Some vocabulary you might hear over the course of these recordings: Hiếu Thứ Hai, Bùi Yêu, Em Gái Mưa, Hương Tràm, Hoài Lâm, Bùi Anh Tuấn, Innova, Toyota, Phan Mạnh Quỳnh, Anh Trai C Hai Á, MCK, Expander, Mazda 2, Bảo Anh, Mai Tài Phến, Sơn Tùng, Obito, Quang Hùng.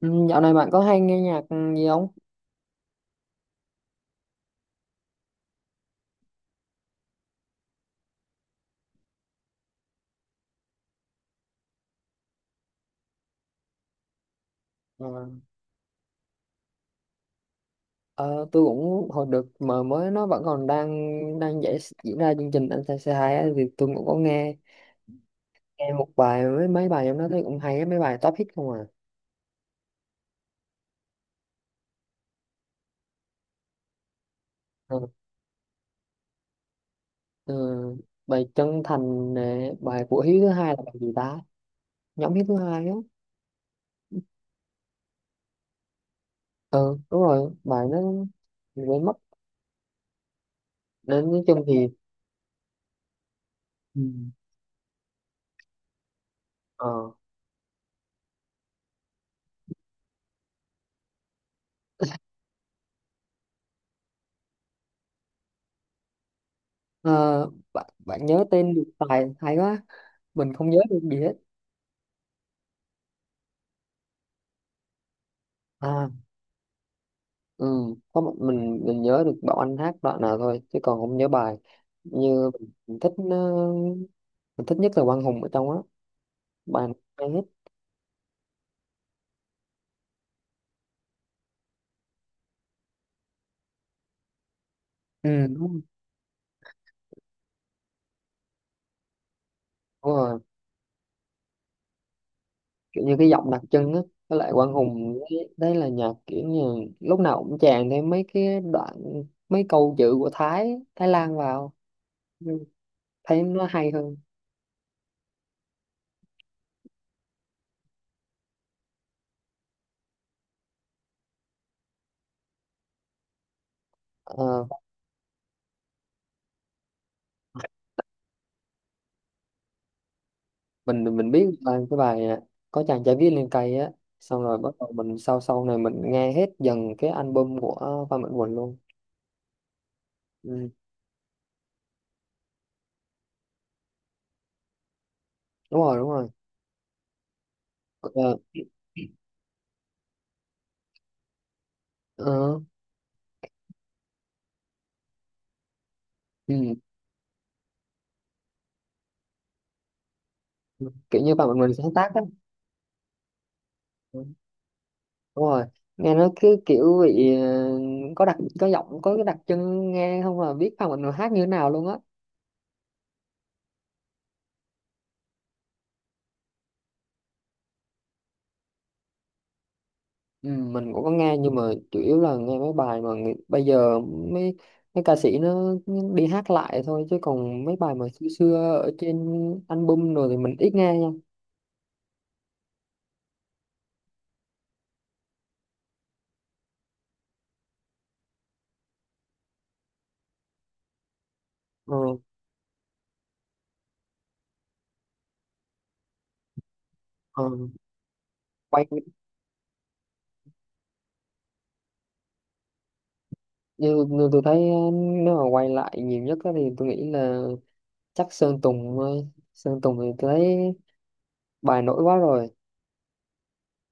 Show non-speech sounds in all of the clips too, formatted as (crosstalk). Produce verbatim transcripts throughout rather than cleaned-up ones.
Ừ, Dạo này bạn có hay nghe nhạc gì không? Ờ, ờ, tôi cũng hồi được mà mới nó vẫn còn đang đang giải, diễn ra chương trình anh trai c hai á, thì tôi cũng có nghe nghe một bài mấy mấy bài trong đó thấy cũng hay á, mấy bài top hit không à. Ờ, ờ, Bài chân thành nè, bài của Hiếu thứ hai là bài gì ta? Nhóm Hiếu thứ hai á. Ừ, đúng rồi, bài nó mình quên mất. Nên nói chung thì ừ. ờ, ờ, bạn, bạn nhớ tên được tài hay quá, mình không nhớ được gì hết. À, ừ, có một mình mình nhớ được Bảo Anh hát đoạn nào thôi chứ còn không nhớ bài như mình, mình thích ờ, mình thích nhất là Quang Hùng ở trong á, bài này hay hết. Ừ, đúng rồi. Đúng rồi, kiểu như cái giọng đặc trưng á, với lại Quang Hùng đấy, đấy là nhạc kiểu như lúc nào cũng chèn thêm mấy cái đoạn mấy câu chữ của Thái Thái Lan vào. Ừ, thấy nó hay hơn. Ờ. mình mình mình biết bài cái bài à, có chàng trai viết lên cây á, xong rồi bắt đầu mình sau sau này mình nghe hết dần cái album của Phan Mạnh Quỳnh luôn. Ừ. Đúng rồi, đúng rồi. Ờ, ờ, ừ. Ừ, kiểu như Phan Mạnh Quỳnh sáng tác á. Ừ, đúng rồi. Nghe nó cứ kiểu bị ờ, có đặc có giọng có cái đặc trưng nghe không là biết Phan Mạnh Quỳnh hát như thế nào luôn á. Ừ, mình cũng có nghe nhưng mà chủ yếu là nghe mấy bài mà người- bây giờ mấy mấy ca sĩ nó đi hát lại thôi chứ còn mấy bài mà xưa xưa ở trên album rồi thì mình ít nghe nha. Ờ, ờ. Quay như, như tôi thấy ờ, nếu mà quay lại nhiều nhất á thì tôi nghĩ là chắc Sơn Tùng thôi. Sơn Tùng thì tôi thấy bài nổi quá rồi,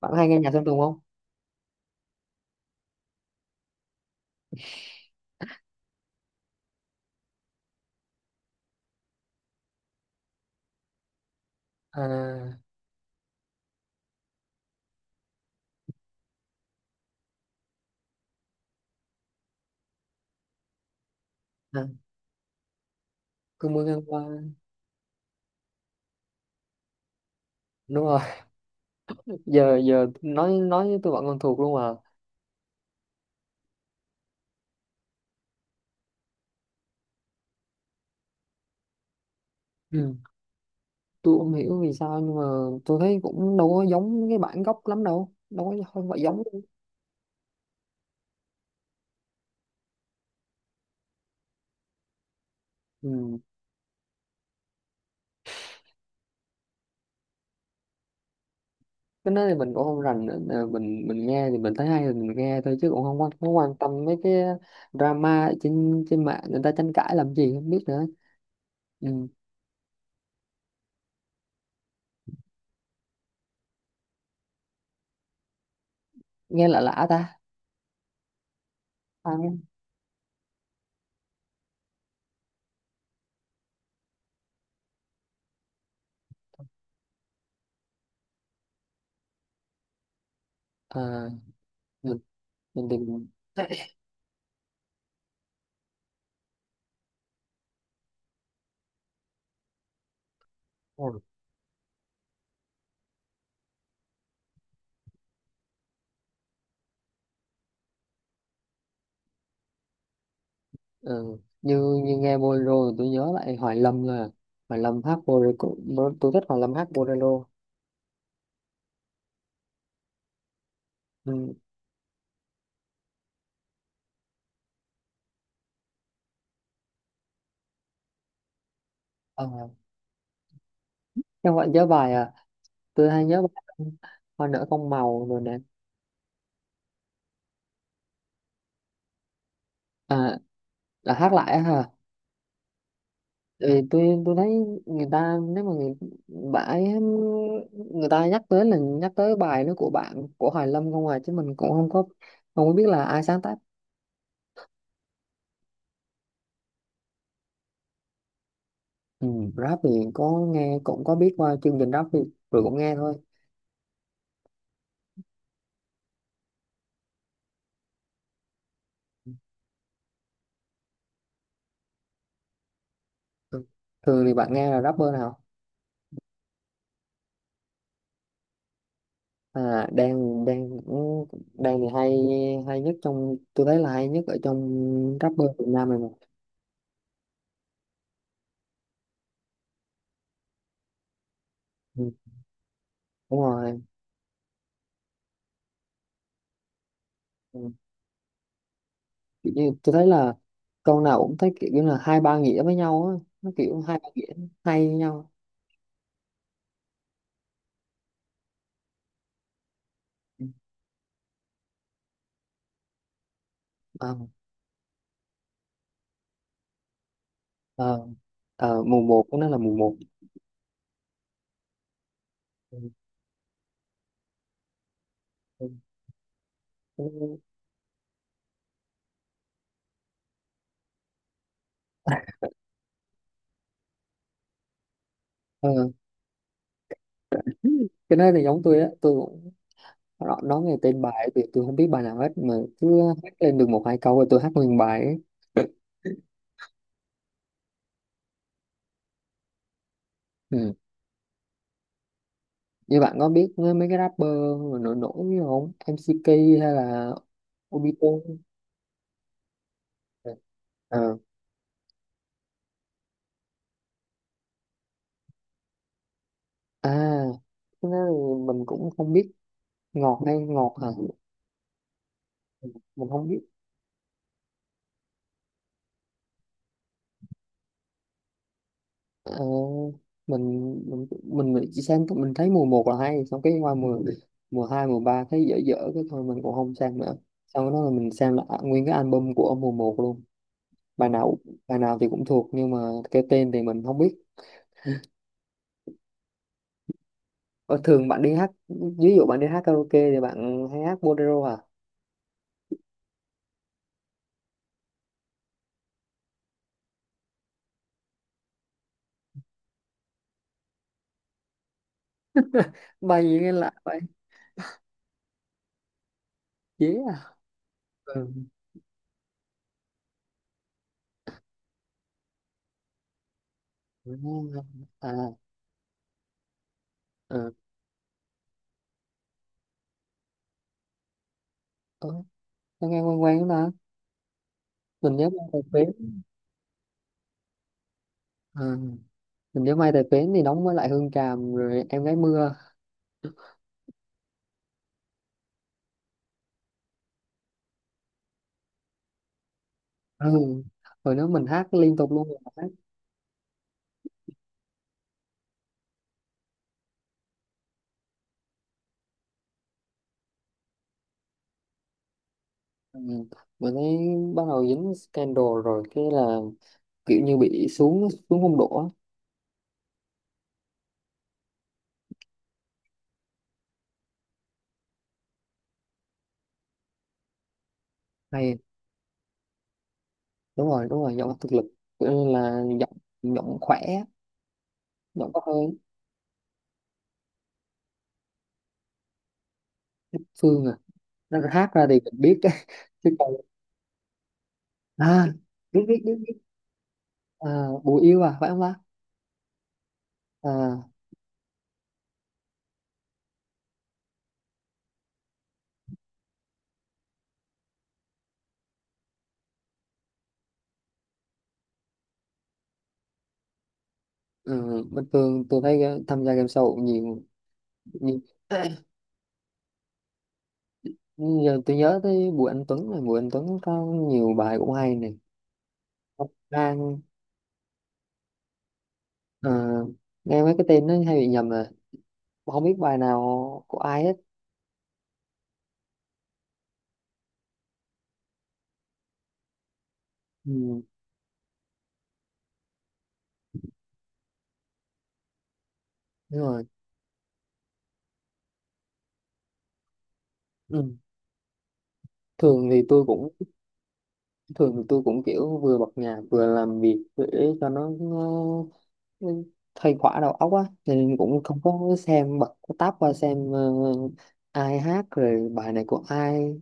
bạn hay nghe nhạc Sơn Tùng không? À, à, cứ mưa ngang qua. Đúng rồi. (laughs) giờ giờ nói nói với tôi bạn còn thuộc luôn à. Ừ. Tôi không hiểu vì sao nhưng mà tôi thấy cũng đâu có giống cái bản gốc lắm, đâu đâu có, không phải giống đâu. Ừ. Cái đó thì mình cũng không rành nữa. Ờ, mình mình nghe thì mình thấy hay thì mình nghe thôi chứ cũng không quan, không quan tâm mấy cái drama ở trên trên mạng người ta tranh cãi làm gì không biết nữa. Ừ. Nghe lạ lạ ta. À, à, mình, mình tìm. Ừ. Ừ. Như như nghe bolero thì tôi nhớ lại Hoài Lâm là Hoài Lâm hát bolero cũng- tôi thích Hoài Lâm hát bolero. Ừ. À, các bạn nhớ bài à, tôi hay nhớ bài hoa nở con màu rồi nè. À, là hát lại á hả? Thì tôi tôi thấy người ta nếu mà người bãi, người ta nhắc tới là nhắc tới bài nó của bạn của Hoài Lâm không à, chứ mình cũng không có không có biết là ai sáng tác. Ừ, rap thì có nghe cũng có biết qua chương trình rap thì rồi cũng nghe thôi. Thường thường thì bạn nghe là rapper nào? À, đang đang đang thì hay hay nhất trong, tôi thấy là hay nhất ở trong rapper Việt Nam này mà. Ừ, đúng rồi. Ừ. Kiểu như tôi thấy là câu nào cũng thấy kiểu như là hai ba nghĩa với nhau á, nó kiểu hai ba nghĩa hay với nhau. Ừ. Ờ, ờ, ờ, mùa một của nó là mùa một. Ừ. Ừ. Ừ. Ờ, cái đó là giống tôi á, tôi cũng nó- nói nghe tên bài thì tôi không biết bài nào hết mà cứ hát lên được một hai câu rồi tôi hát nguyên bài ấy. Ừ. Như bạn có biết mấy mấy cái rapper mà nổi nổi như không em see kay hay là Obito. Ừ. Ờ. À, cái đó thì mình cũng không biết. Ngọt hay ngọt hả? Mình không biết. Ờ, mình mình mình nghĩ chỉ sang mình thấy mùa một là hay xong cái qua mùa mùa hai mùa ba thấy dở dở cái thôi mình cũng không sang nữa. Sau đó là mình sang lại nguyên cái album của mùa một luôn. bài nào bài nào thì cũng thuộc nhưng mà cái tên thì mình không biết. Ờ, thường bạn đi hát, ví dụ bạn đi hát karaoke thì bạn hay hát bolero à? Bài gì nghe lạ vậy? Dễ à. Ừ. À. Ừ. Ờ, nó nghe quen quen đó ta, mình nhớ bài. Phế, mình nhớ Mai Tài Phến thì đóng với lại Hương Tràm rồi Em Gái Mưa. Ừ. Rồi nếu mình hát liên tục luôn là hát. Ừ. Mình thấy bắt đầu dính scandal rồi cái là kiểu như bị xuống xuống phong độ á. Hay, đúng rồi đúng rồi giọng thực lực, kiểu như là giọng giọng khỏe, giọng có hơi. Phương à, nó hát ra thì mình biết. (laughs) Chứ còn à, biết biết biết biết. À, Bùi Yêu à phải không ta? À, ừ, bình thường tôi thấy tham gia game show nhiều nhiều. Nhưng giờ tôi nhớ tới Bùi Anh Tuấn này, Bùi Anh Tuấn có nhiều bài cũng hay này. Ông Lan. Ờ, nghe mấy cái tên nó hay bị nhầm à, không biết bài nào của ai hết. Ừ, đúng rồi. Ừ. thường thì tôi cũng thường thì tôi cũng kiểu vừa bật nhạc vừa làm việc để cho nó, nó nó khuây khỏa đầu óc á. Cho nên cũng không có xem bật cái tab qua xem ờ, ai hát rồi bài này của ai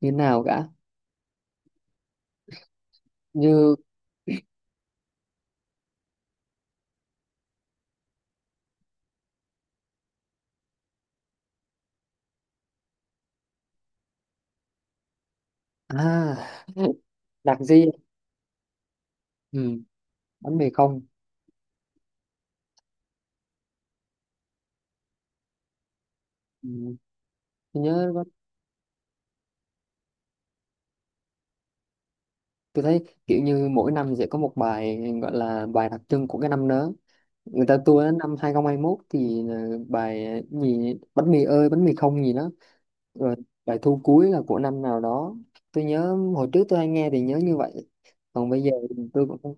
như nào cả. Như à. (laughs) Đặc di. Ừ. Bánh mì không. Ừ, tôi nhớ quá. Tôi thấy kiểu như mỗi năm sẽ có một bài gọi là bài đặc trưng của cái năm đó, người ta tua đến năm hai không hai mốt thì là bài gì bánh mì ơi bánh mì không gì đó. Rồi bài thu cuối là của năm nào đó, tôi nhớ hồi trước tôi hay nghe thì nhớ như vậy, còn bây giờ thì tôi cũng không-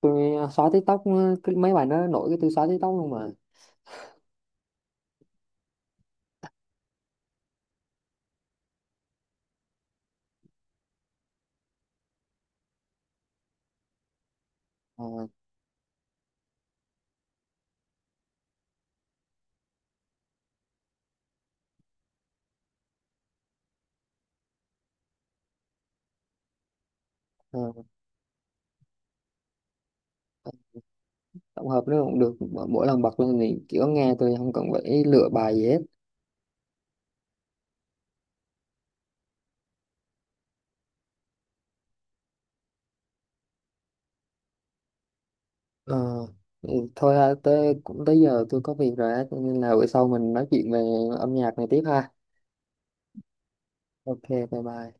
tôi xóa TikTok, cái mấy bài nó nổi cái tôi xóa TikTok luôn mà. Ờ, ờ, tổng hợp nó cũng được, mỗi mỗi lần bật lên thì kiểu nghe tôi không cần phải lựa bài gì hết. Ờ, ừ, thôi ha, tới cũng tới giờ tôi có việc rồi á, cho nên là bữa sau mình nói chuyện về âm nhạc này tiếp ha. Ok, bye bye.